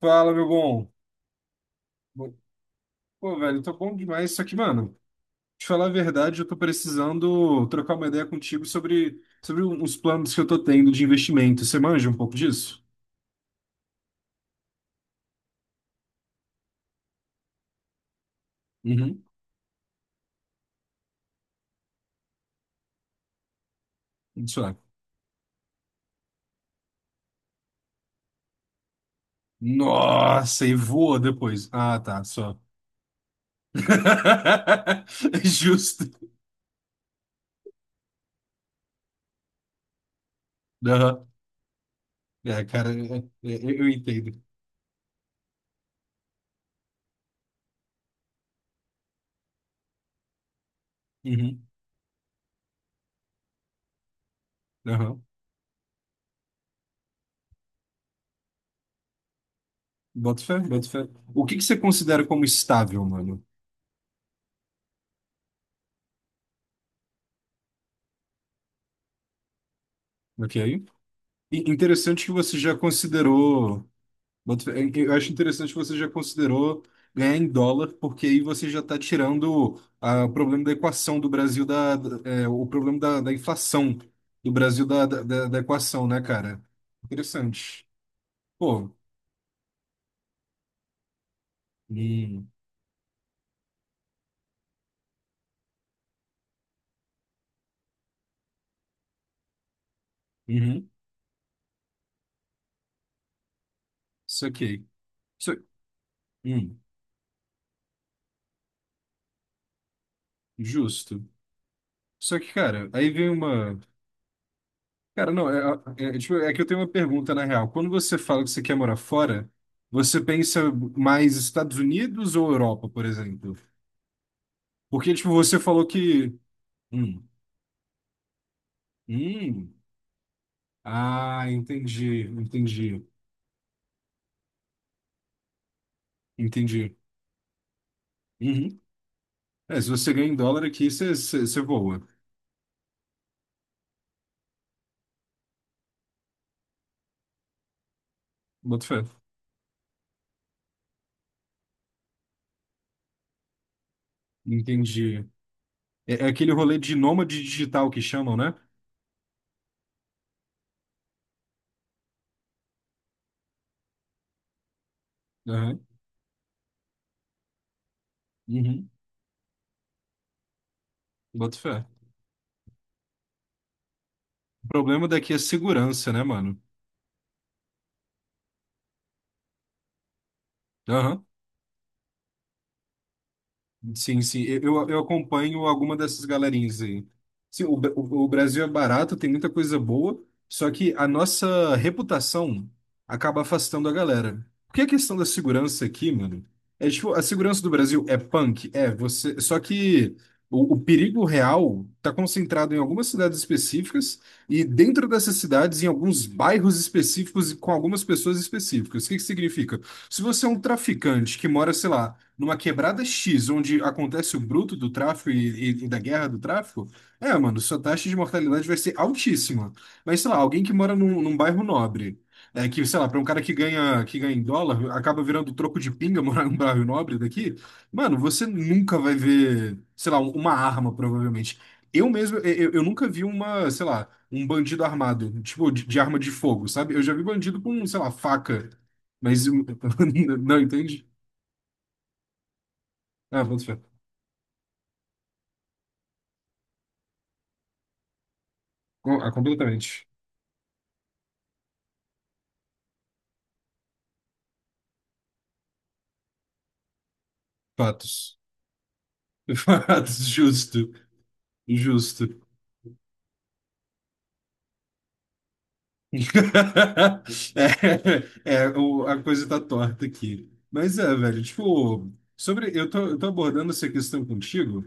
Fala, meu bom. Pô, velho, tá bom demais. Só que, mano, te falar a verdade, eu tô precisando trocar uma ideia contigo sobre uns planos que eu tô tendo de investimento. Você manja um pouco disso? Uhum. Isso é. Nossa, e voa depois. Ah, tá, só. Justo. Aham. É, cara, eu entendo. Uhum. Aham. Boto fé, boto fé. O que que você considera como estável, mano? Ok? E interessante que você já considerou. Boto fé. Eu acho interessante que você já considerou ganhar em dólar, porque aí você já está tirando o problema da equação do Brasil, é, o problema da inflação do Brasil da equação, né, cara? Interessante. Pô, hum, uhum, isso aqui. Isso, hum, justo. Só que, cara, aí vem uma. Cara, não, tipo, é que eu tenho uma pergunta na real. Quando você fala que você quer morar fora, você pensa mais Estados Unidos ou Europa, por exemplo? Porque, tipo, você falou que. Hum, hum. Ah, entendi, entendi, entendi. Uhum. É, se você ganha em dólar aqui, você voa. Bota fé. Entendi. É aquele rolê de nômade digital que chamam, né? Aham. Uhum. Bota fé. O problema daqui é segurança, né, mano? Aham. Sim, sim. Eu acompanho alguma dessas galerinhas aí. Sim, o Brasil é barato, tem muita coisa boa, só que a nossa reputação acaba afastando a galera. Porque a questão da segurança aqui, mano, é tipo, a segurança do Brasil é punk, é, você. Só que o perigo real tá concentrado em algumas cidades específicas e dentro dessas cidades, em alguns bairros específicos e com algumas pessoas específicas. O que que significa? Se você é um traficante que mora, sei lá numa quebrada X, onde acontece o bruto do tráfico e da guerra do tráfico, é, mano, sua taxa de mortalidade vai ser altíssima. Mas, sei lá, alguém que mora num bairro nobre, é, que, sei lá, para um cara que ganha em dólar, acaba virando troco de pinga morar num bairro nobre daqui, mano, você nunca vai ver, sei lá, uma arma, provavelmente. Eu mesmo, eu nunca vi uma, sei lá, um bandido armado, tipo, de arma de fogo, sabe? Eu já vi bandido com, sei lá, faca, mas... Não, entende? Ah, boto fé. Ah, completamente. Fatos. Fatos, justo. Justo. É, é, o- a coisa tá torta aqui. Mas é, velho, tipo, sobre. Eu tô abordando essa questão contigo.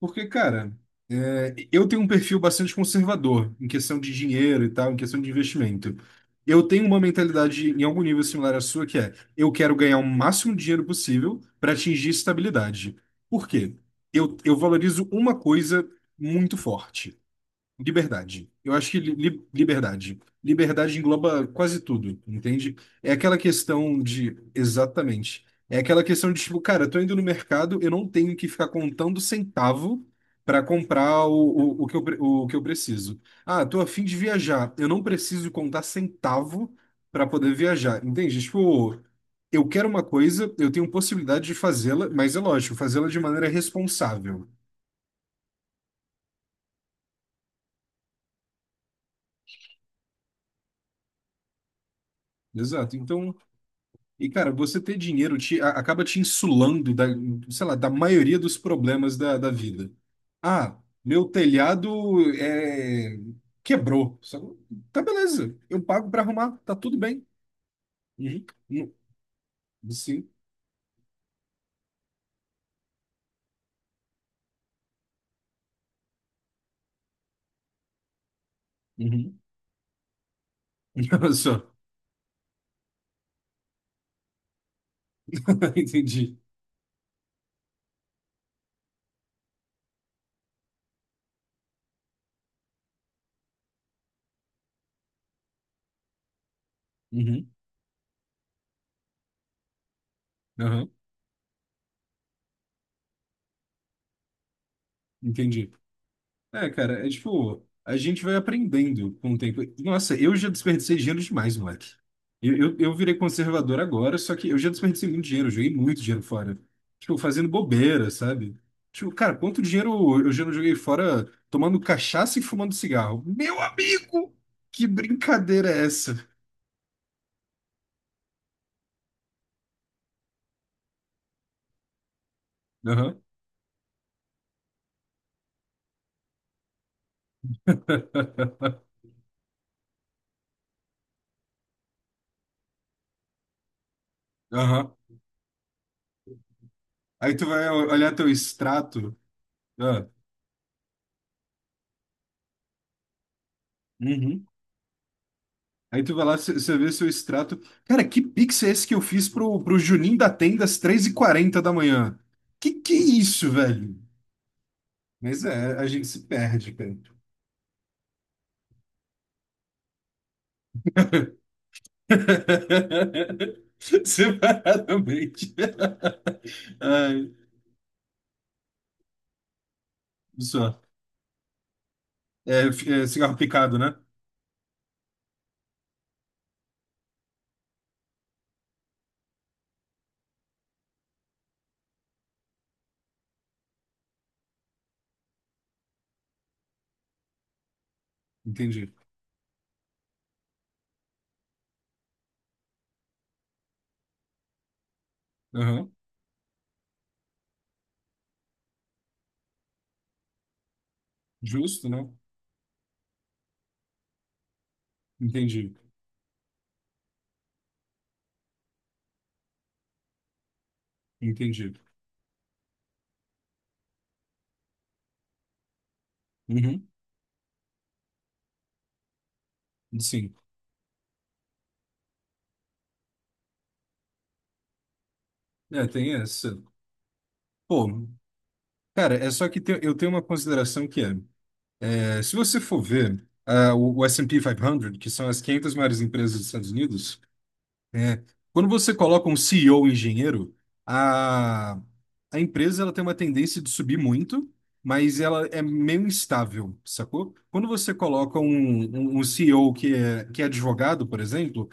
Porque, cara, eu tenho um perfil bastante conservador em questão de dinheiro e tal, em questão de investimento. Eu tenho uma mentalidade em algum nível similar à sua, que é eu quero ganhar o máximo de dinheiro possível para atingir estabilidade. Por quê? Eu valorizo uma coisa muito forte. Liberdade. Eu acho que liberdade. Liberdade engloba quase tudo, entende? É aquela questão de. Exatamente. É aquela questão de, tipo, cara, eu tô indo no mercado, eu não tenho que ficar contando centavo para comprar o que eu preciso. Ah, tô a fim de viajar, eu não preciso contar centavo para poder viajar, entende? Tipo, eu quero uma coisa, eu tenho possibilidade de fazê-la, mas é lógico, fazê-la de maneira responsável. Exato. Então. E, cara, você ter dinheiro acaba te insulando da, sei lá, da maioria dos problemas da vida. Ah, meu telhado quebrou. Sacou? Tá beleza, eu pago pra arrumar, tá tudo bem. Uhum. Hum, sim. Uhum. Olha só. Entendi. Uhum. Aham. Entendi. É, cara, é tipo, a gente vai aprendendo com o tempo. Nossa, eu já desperdicei dinheiro demais, moleque. Eu virei conservador agora, só que eu já desperdicei muito dinheiro, eu joguei muito dinheiro fora. Tipo, fazendo bobeira, sabe? Tipo, cara, quanto dinheiro eu já não joguei fora tomando cachaça e fumando cigarro? Meu amigo! Que brincadeira é essa? Aham, aham. Aí tu vai olhar teu extrato. Ah, uhum. Aí tu vai lá, você vê seu extrato. Cara, que pix é esse que eu fiz pro Juninho da Tenda às 3h40 da manhã? Que é isso, velho? Mas é, a gente se perde, cara. Separadamente. Ai, só. É, é cigarro picado, né? Entendi. Aham. Justo, né? Entendi. Entendi. Uhum. Sim. É, tem essa. Pô, cara, é só que eu tenho uma consideração que é. É, se você for ver, o S&P 500, que são as 500 maiores empresas dos Estados Unidos, é, quando você coloca um CEO engenheiro, a, a empresa ela tem uma tendência de subir muito, mas ela é meio instável, sacou? Quando você coloca um CEO que é advogado, por exemplo,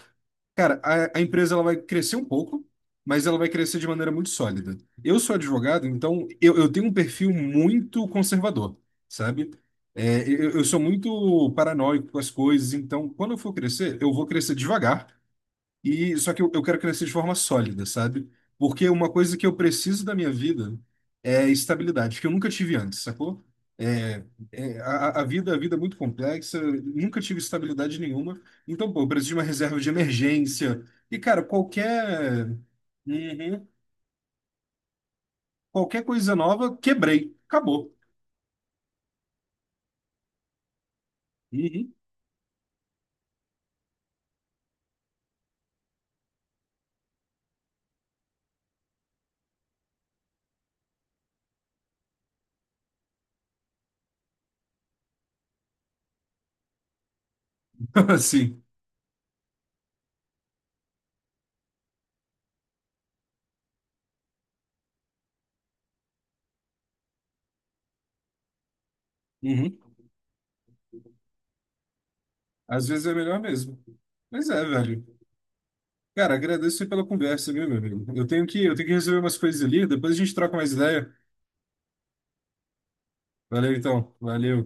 cara, a empresa ela vai crescer um pouco, mas ela vai crescer de maneira muito sólida. Eu sou advogado, então eu tenho um perfil muito conservador, sabe? É, eu sou muito paranoico com as coisas, então quando eu for crescer, eu vou crescer devagar. E só que eu quero crescer de forma sólida, sabe? Porque uma coisa que eu preciso da minha vida é estabilidade, que eu nunca tive antes, sacou? É, a vida é muito complexa, nunca tive estabilidade nenhuma. Então, pô, eu preciso de uma reserva de emergência. E, cara, qualquer. Uhum. Qualquer coisa nova, quebrei, acabou. Uhum. Assim, uhum. Às vezes é melhor mesmo. Mas é, velho. Cara, agradeço aí pela conversa, viu, meu amigo? Eu tenho que resolver umas coisas ali, depois a gente troca mais ideia. Valeu, então. Valeu.